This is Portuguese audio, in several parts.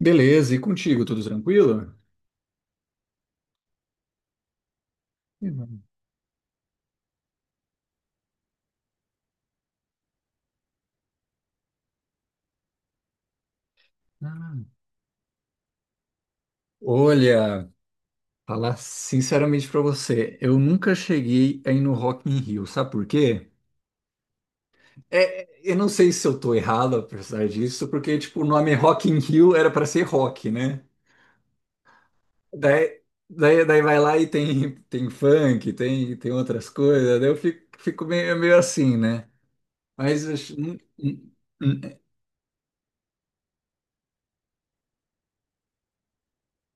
Beleza, e contigo, tudo tranquilo? Ih, mano. Ah. Olha, falar sinceramente pra você, eu nunca cheguei a ir no Rock in Rio, sabe por quê? É, eu não sei se eu tô errado apesar disso, porque tipo, o nome Rock in Rio era pra ser rock, né? Daí, daí, vai lá e tem funk, tem outras coisas, daí eu fico, fico meio, é meio assim, né? Hum, hum,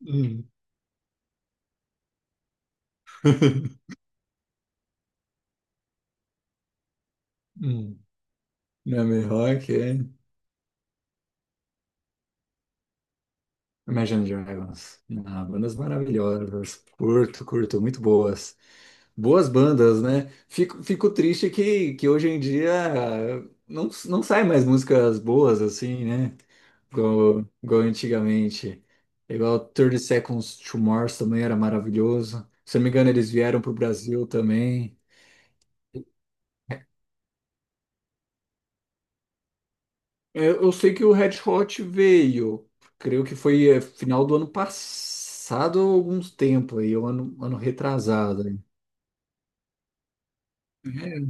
hum, hum. Nome rock, é. Imagine Dragons. Ah, bandas maravilhosas. Curto, curto, muito boas. Boas bandas, né? Fico, fico triste que hoje em dia não, não sai mais músicas boas assim, né? Igual, igual antigamente. Igual 30 Seconds to Mars também era maravilhoso. Se eu não me engano, eles vieram para o Brasil também. Eu sei que o Red Hot veio, creio que foi final do ano passado, alguns tempo aí, ou ano retrasado. Né?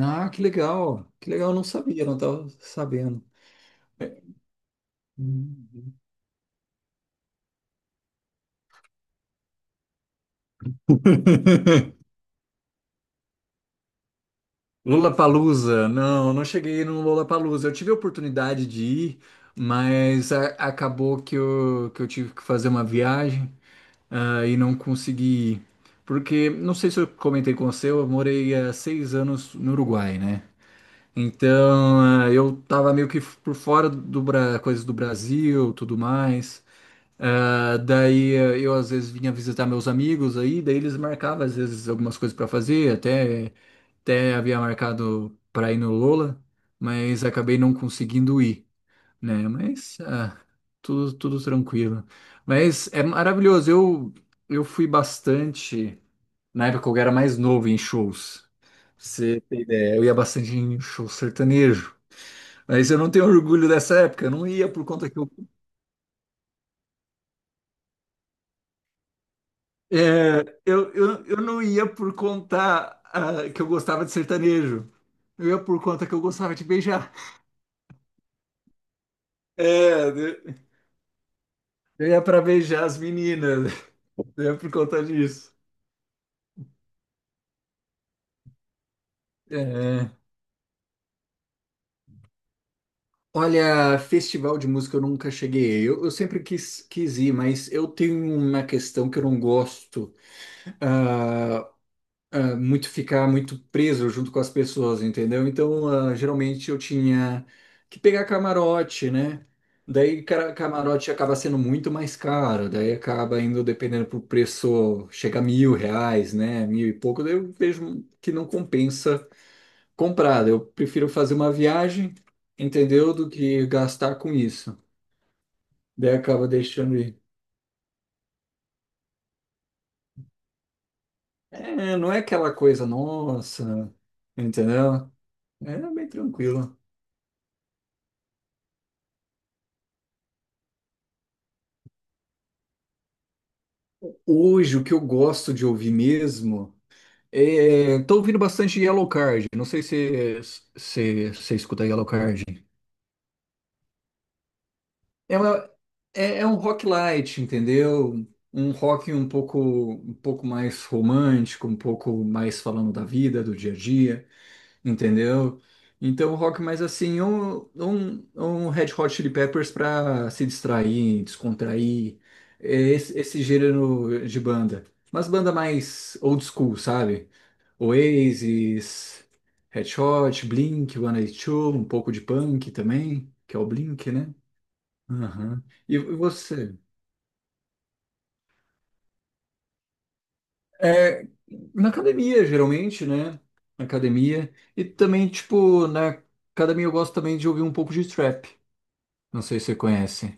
Ah, que legal. Que legal, eu não sabia, não estava sabendo. Hum. Lollapalooza, não, não cheguei no Lollapalooza. Eu tive a oportunidade de ir, mas acabou que que eu tive que fazer uma viagem, e não consegui ir. Porque, não sei se eu comentei com você, eu morei há 6 anos no Uruguai, né? Então, eu tava meio que por fora coisas do Brasil, tudo mais. Ah, daí eu às vezes vinha visitar meus amigos aí, daí eles marcavam às vezes algumas coisas para fazer, até havia marcado para ir no Lola, mas acabei não conseguindo ir, né? Mas tudo tranquilo. Mas é maravilhoso. Eu fui bastante na época que eu era mais novo em shows. Pra você ter ideia, eu ia bastante em show sertanejo. Mas eu não tenho orgulho dessa época, eu não ia por conta que eu. É, eu não ia por conta que eu gostava de sertanejo. Eu ia por conta que eu gostava de beijar. É, eu ia para beijar as meninas. Eu ia por conta disso. É. Olha, festival de música eu nunca cheguei. Eu sempre quis, quis ir, mas eu tenho uma questão que eu não gosto. Muito ficar muito preso junto com as pessoas, entendeu? Então, geralmente eu tinha que pegar camarote, né? Daí cara, camarote acaba sendo muito mais caro, daí acaba indo dependendo pro preço, chega a R$ 1.000, né? Mil e pouco, daí eu vejo que não compensa comprar. Daí eu prefiro fazer uma viagem, entendeu? Do que gastar com isso. Daí acaba deixando ir. É, não é aquela coisa, nossa, entendeu? É bem tranquilo. Hoje, o que eu gosto de ouvir mesmo é. Tô ouvindo bastante Yellow Card. Não sei se você se escuta Yellow Card. É, uma- é, um rock light, entendeu? Um rock um pouco mais romântico, um pouco mais falando da vida, do dia a dia, entendeu? Então, um rock mais assim, um Red Hot Chili Peppers para se distrair, descontrair. É esse gênero de banda. Mas banda mais old school, sabe? Oasis, Red Hot, Blink, 182, um pouco de punk também, que é o Blink, né? Aham. E você? É, na academia, geralmente, né? Na academia. E também, tipo, na academia eu gosto também de ouvir um pouco de trap. Não sei se você conhece.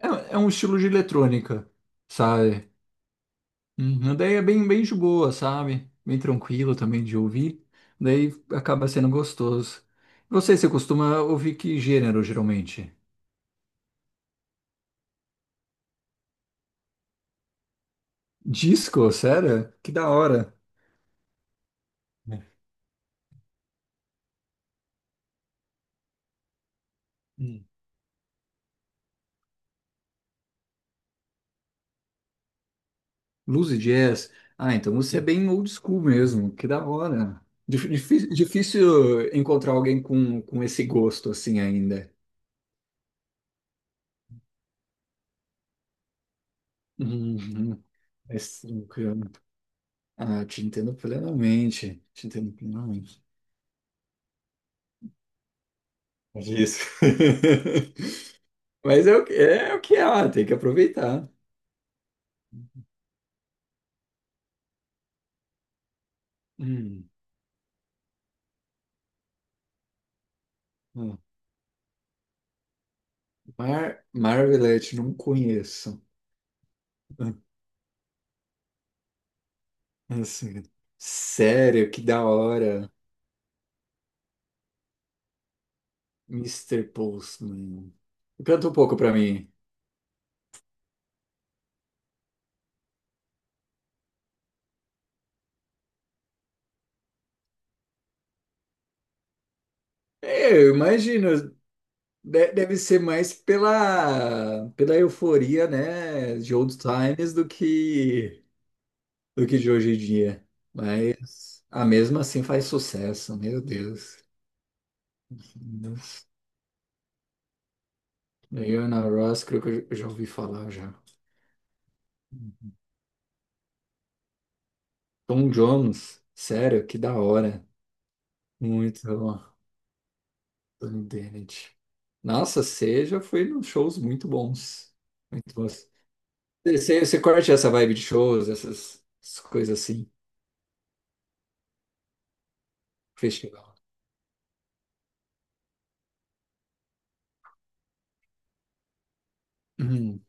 É um estilo de eletrônica, sabe? Uhum, daí é bem de boa, sabe? Bem tranquilo também de ouvir. Daí acaba sendo gostoso. E você costuma ouvir que gênero, geralmente? Disco, sério? Que da hora. É. Hum. Blues e jazz. Ah, então você é, sim, bem old school mesmo. Que da hora. Difícil encontrar alguém com, esse gosto assim ainda. Uhum, mas tranquilo. Ah, te entendo plenamente. Te entendo plenamente. Mas é isso. Mas é o que é, o que é lá, tem que aproveitar. Hum, hum. Marvelette, não conheço. Hum, Assim, sério, que da hora. Mister Postman. Canta um pouco pra mim. É, eu imagino. Deve ser mais pela, euforia, né, de old times do que de hoje em dia. A mesma assim faz sucesso, meu Deus. Nossa. Diana Ross, creio que eu já ouvi falar já. Tom Jones, sério, que da hora. Muito bom, Tony Bennett. Nossa, você já foi nos shows muito bons. Muito bons. Você curte essa vibe de shows, essas coisas assim, festival. Uhum.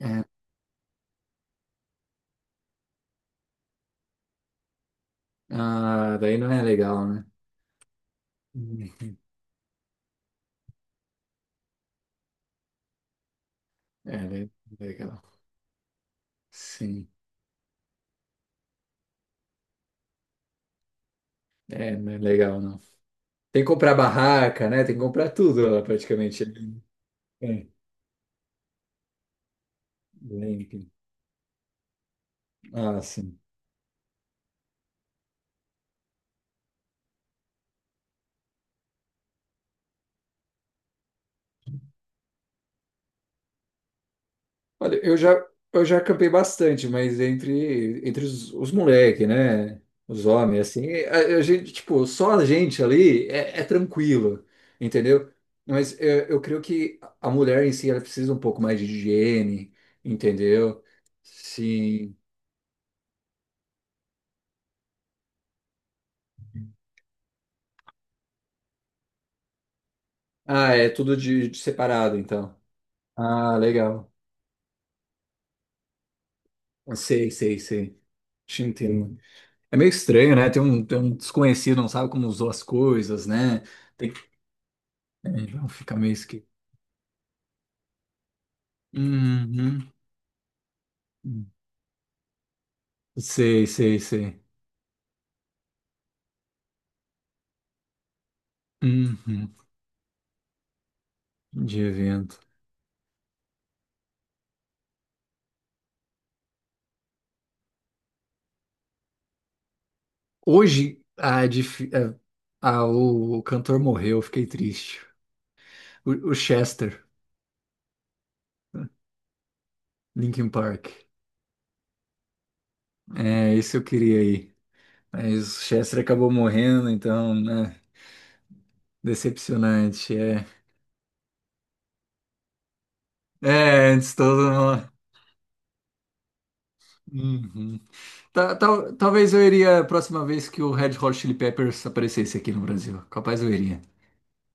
É, daí não é legal, né? Uhum. É, legal. Sim, é, não é legal, não. Tem que comprar barraca, né? Tem que comprar tudo lá, praticamente. É. bem- Ah, sim. Olha, eu já acampei bastante, mas entre os moleque, né? Os homens, assim, a gente, tipo, só a gente ali é tranquilo, entendeu? Mas eu, creio que a mulher em si, ela precisa um pouco mais de higiene, entendeu? Sim. Ah, é tudo de separado, então. Ah, legal. Sei, sei, sei. Te entendo. É meio estranho, né? Tem um desconhecido, não sabe como usou as coisas, né? Tem que. É, então fica meio esquisito. Uhum. Sei, sei, sei. Uhum. De evento. Hoje, a, dif- a- o cantor morreu, eu fiquei triste. O Chester, Linkin Park. É, isso eu queria ir. Mas o Chester acabou morrendo, então, né? Decepcionante, é. É, antes todo mundo. Uhum. Talvez eu iria a próxima vez que o Red Hot Chili Peppers aparecesse aqui no Brasil. Capaz eu iria.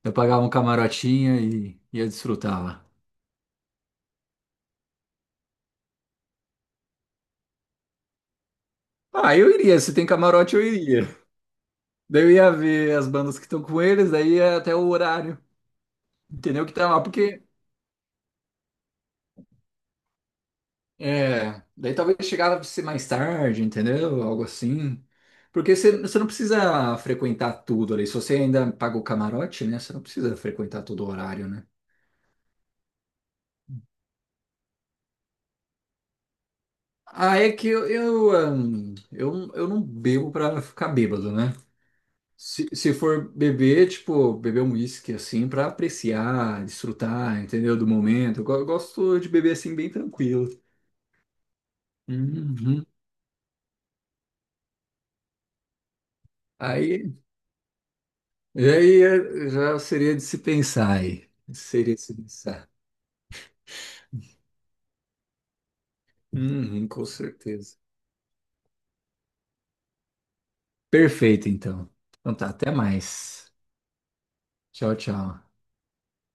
Eu pagava um camarotinho e ia desfrutar lá. Ah, eu iria. Se tem camarote, eu iria. Daí eu ia ver as bandas que estão com eles, daí ia até o horário, entendeu? Que tá lá, porque. É. Daí talvez chegava a ser mais tarde, entendeu? Algo assim. Porque você não precisa frequentar tudo ali. Se você ainda paga o camarote, né? Você não precisa frequentar todo o horário, né? Ah, é que eu não bebo pra ficar bêbado, né? Se for beber, tipo, beber um uísque assim pra apreciar, desfrutar, entendeu? Do momento. Eu gosto de beber assim bem tranquilo. Uhum. Aí, já seria de se pensar aí. Seria de se pensar. Uhum, com certeza. Perfeito, então. Então tá, até mais. Tchau, tchau.